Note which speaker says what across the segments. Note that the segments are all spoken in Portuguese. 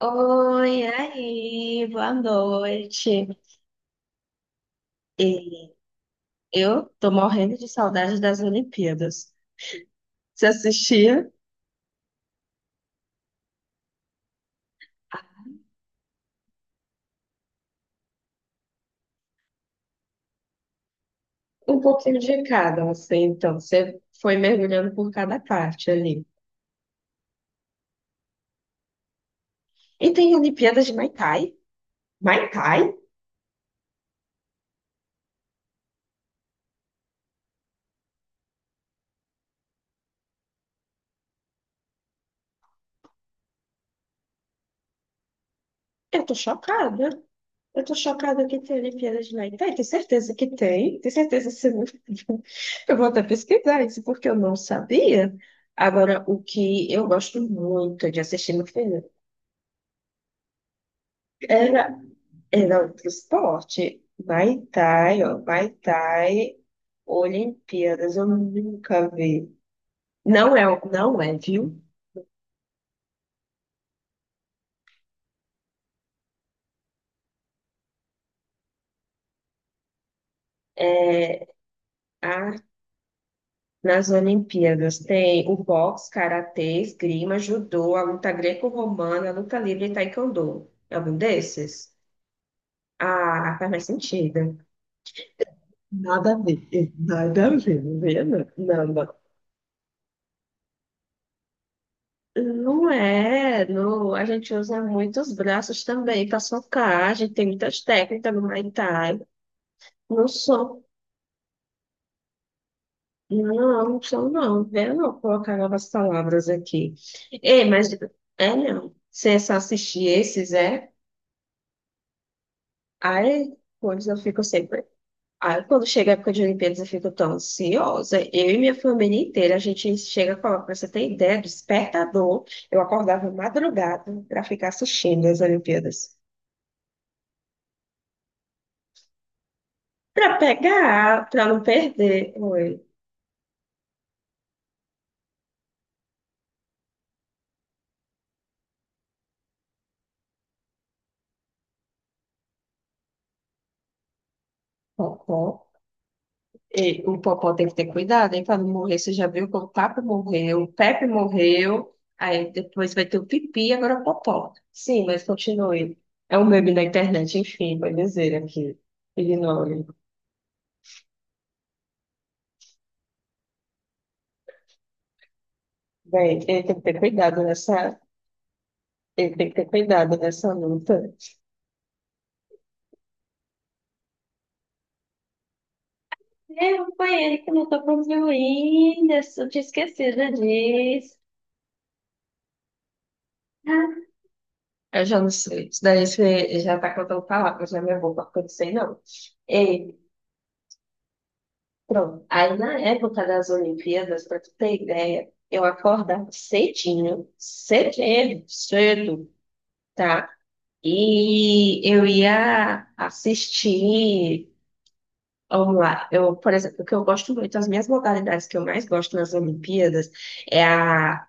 Speaker 1: Oi, aí, boa noite. E eu tô morrendo de saudade das Olimpíadas. Você assistia um pouquinho de cada, assim, então você foi mergulhando por cada parte ali. E tem Olimpíadas de Muay Thai. Muay Thai? Eu tô chocada. Eu tô chocada que tem Olimpíadas de Muay Thai. Tenho certeza que tem. Tenho certeza que você não... Eu vou até pesquisar isso porque eu não sabia. Agora, o que eu gosto muito de assistir no filme. É, não, pro esporte. Muay Thai, ó. Muay Thai, Olimpíadas, eu nunca vi. Não é, não é, viu? Ah, nas Olimpíadas tem o boxe, karatê, esgrima, judô, a luta greco-romana, a luta livre e taekwondo. É algum desses? Ah, faz mais sentido. Nada a ver, nada a ver, não, vê, não, não, não. Não é, não, a gente usa muitos braços também para socar, a gente tem muitas técnicas no Muay Thai. Não sou, não sou não, eu não colocar novas palavras aqui. Ei, mas, é não, se é só assistir esses, é, aí, pois eu fico sempre, aí quando chega a época de Olimpíadas eu fico tão ansiosa, eu e minha família inteira, a gente chega a colocar, pra você ter ideia, despertador, eu acordava madrugada para ficar assistindo as Olimpíadas. Pra pegar, pra não perder. Oi. Popó. E o Popó tem que ter cuidado, hein, pra não morrer. Você já viu que o Papo morreu, o Pepe morreu, aí depois vai ter o Pipi, agora o Popó. Sim, mas continue. É um meme da internet, enfim, vai dizer aqui. Ignore. Bem, ele tem que ter cuidado nessa. Ele tem que ter cuidado nessa luta. É, foi ele que lutou contra o Whindersson, tinha esquecido disso. Ah, eu já não sei. Isso daí você já tá contando palavras na minha boca, porque eu não sei não. E, pronto. Aí na época das Olimpíadas, pra tu ter ideia, eu acordava cedinho, cedinho, cedo, tá? E eu ia assistir. Vamos lá, eu, por exemplo, o que eu gosto muito, as minhas modalidades que eu mais gosto nas Olimpíadas é a...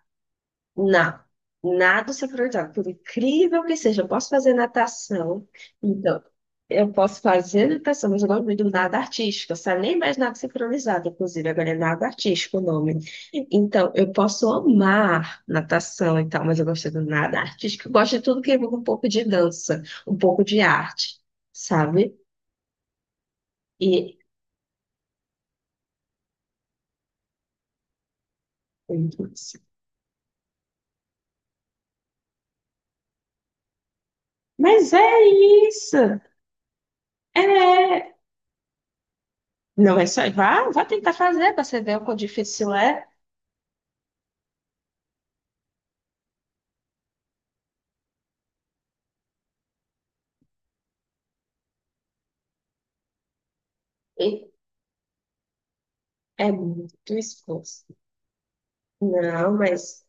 Speaker 1: Não, nado sincronizado, por incrível que seja, eu posso fazer natação, então, eu posso fazer natação, mas o nome do nado artístico, sabe? Nem mais nado sincronizado, inclusive, agora é nado artístico o nome. Então, eu posso amar natação e tal, mas eu gosto do nado artístico, eu gosto de tudo que envolve um pouco de dança, um pouco de arte, sabe? E. Mas é isso! É. Não é só. Vá, vá tentar fazer para você ver o quão difícil é. É muito esforço. Não, mas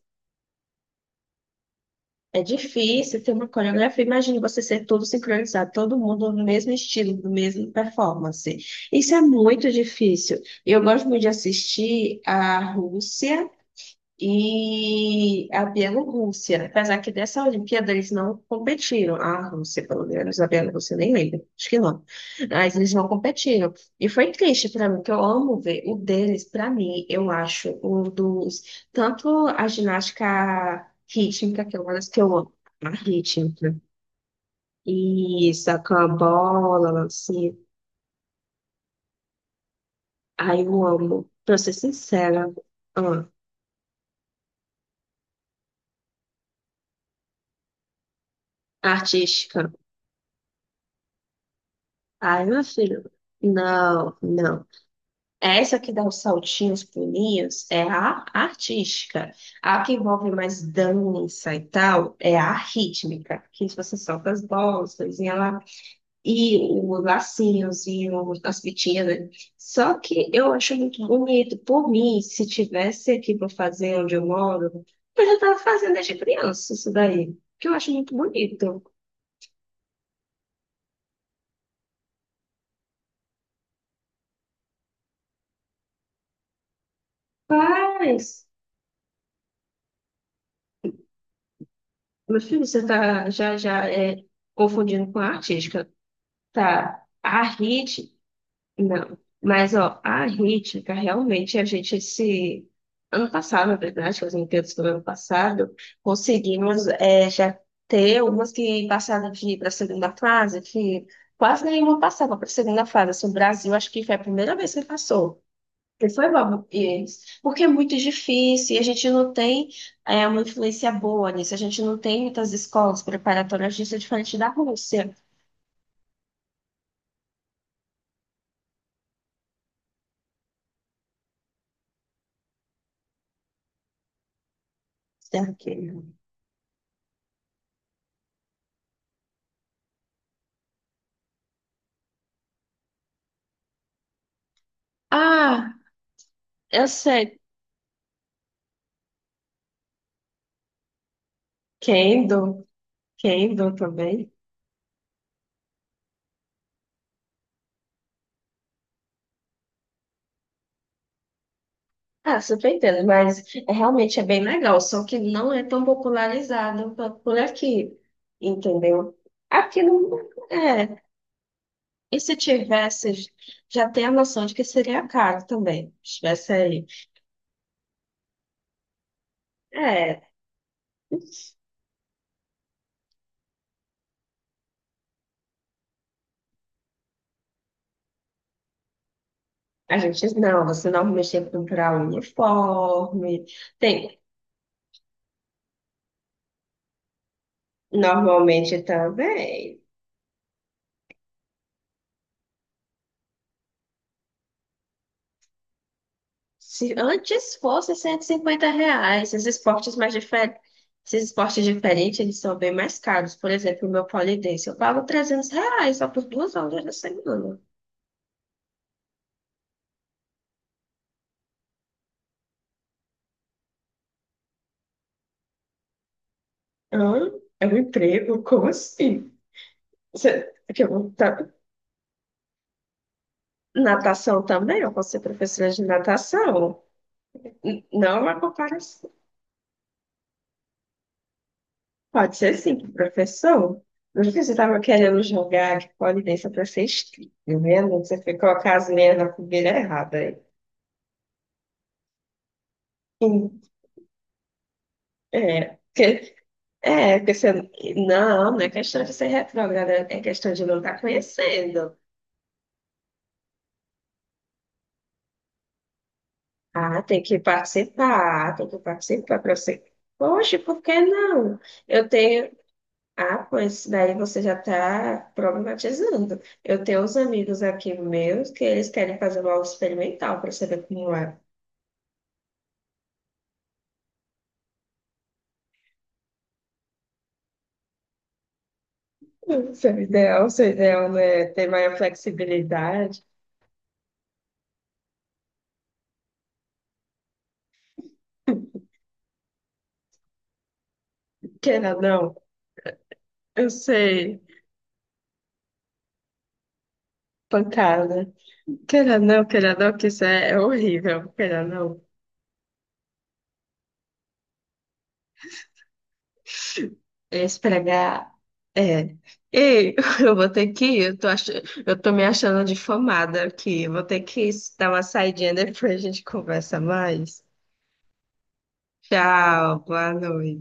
Speaker 1: é difícil ter uma coreografia. Imagine você ser todo sincronizado, todo mundo no mesmo estilo, no mesmo performance. Isso é muito difícil. Eu gosto muito de assistir a Rússia e a Bielorrússia, apesar que dessa Olimpíada eles não competiram, a Rússia, pelo menos, a Bielorrússia nem lembra? Acho que não, mas eles não competiram, e foi triste para mim, que eu amo ver o deles, para mim, eu acho, um dos, tanto a ginástica rítmica, que é uma das que eu amo, a rítmica, e sacar a bola, lance, ai eu amo, pra ser sincera, ah, artística, ai meu filho, não, não. Essa que dá os saltinhos, pulinhos, é a artística. A que envolve mais dança e tal, é a rítmica, que você solta as bolsas e ela e os lacinhos e as fitinhas. Né? Só que eu acho muito bonito. Por mim, se tivesse aqui para fazer onde eu moro, eu já estava fazendo desde criança isso daí, que eu acho muito bonito. Mas, meu filho, você tá já já é, confundindo com a artística. Tá. A rit... Não, mas ó, a rítmica realmente a gente esse ano passado, na verdade, fazendo todos do ano passado, conseguimos é, já ter umas que passaram de para a segunda fase, que quase nenhuma passava para a segunda fase. Assim, o Brasil acho que foi a primeira vez que passou. E foi bom, eles, porque é muito difícil e a gente não tem é, uma influência boa nisso. A gente não tem muitas escolas preparatórias disso, diferente da Rússia. Será que- Ah, eu sei. Kendo. Kendall também. Ah, super entendo, mas realmente é bem legal, só que não é tão popularizado por aqui, entendeu? Aqui não é. E se tivesse, já tem a noção de que seria caro também, se tivesse aí. É, a gente não, você normalmente tem que comprar um uniforme, tem, normalmente também. Se antes fosse R$ 150, esses esportes mais diferentes, esses esportes diferentes, eles são bem mais caros. Por exemplo, o meu pole dance, eu pago R$ 300 só por 2 aulas na semana. Hã? É um emprego? Como assim? Você, que natação também, eu vou ser professora de natação. Não é uma comparação. Pode ser sim, professor. Não sei se você estava querendo jogar de pole dance para ser inscrito, tá vendo? Você foi colocar as meias na fogueira errada aí. É, porque, é, porque você, não, não é questão de ser retrógrada, é questão de não estar conhecendo. Ah, tem que participar para você. Poxa, por que não? Eu tenho. Ah, pois daí você já está problematizando. Eu tenho uns amigos aqui meus que eles querem fazer uma aula experimental para saber como é. Seu ideal, né? Ter maior flexibilidade. Queira ou não, eu sei, pancada. Queira não, que isso é, é horrível. Queira não, esfregar. É. Ei, eu vou ter que ir. Eu tô, ach... eu tô me achando difamada aqui. Eu vou ter que dar uma saidinha depois a gente conversa mais. Tchau, boa noite.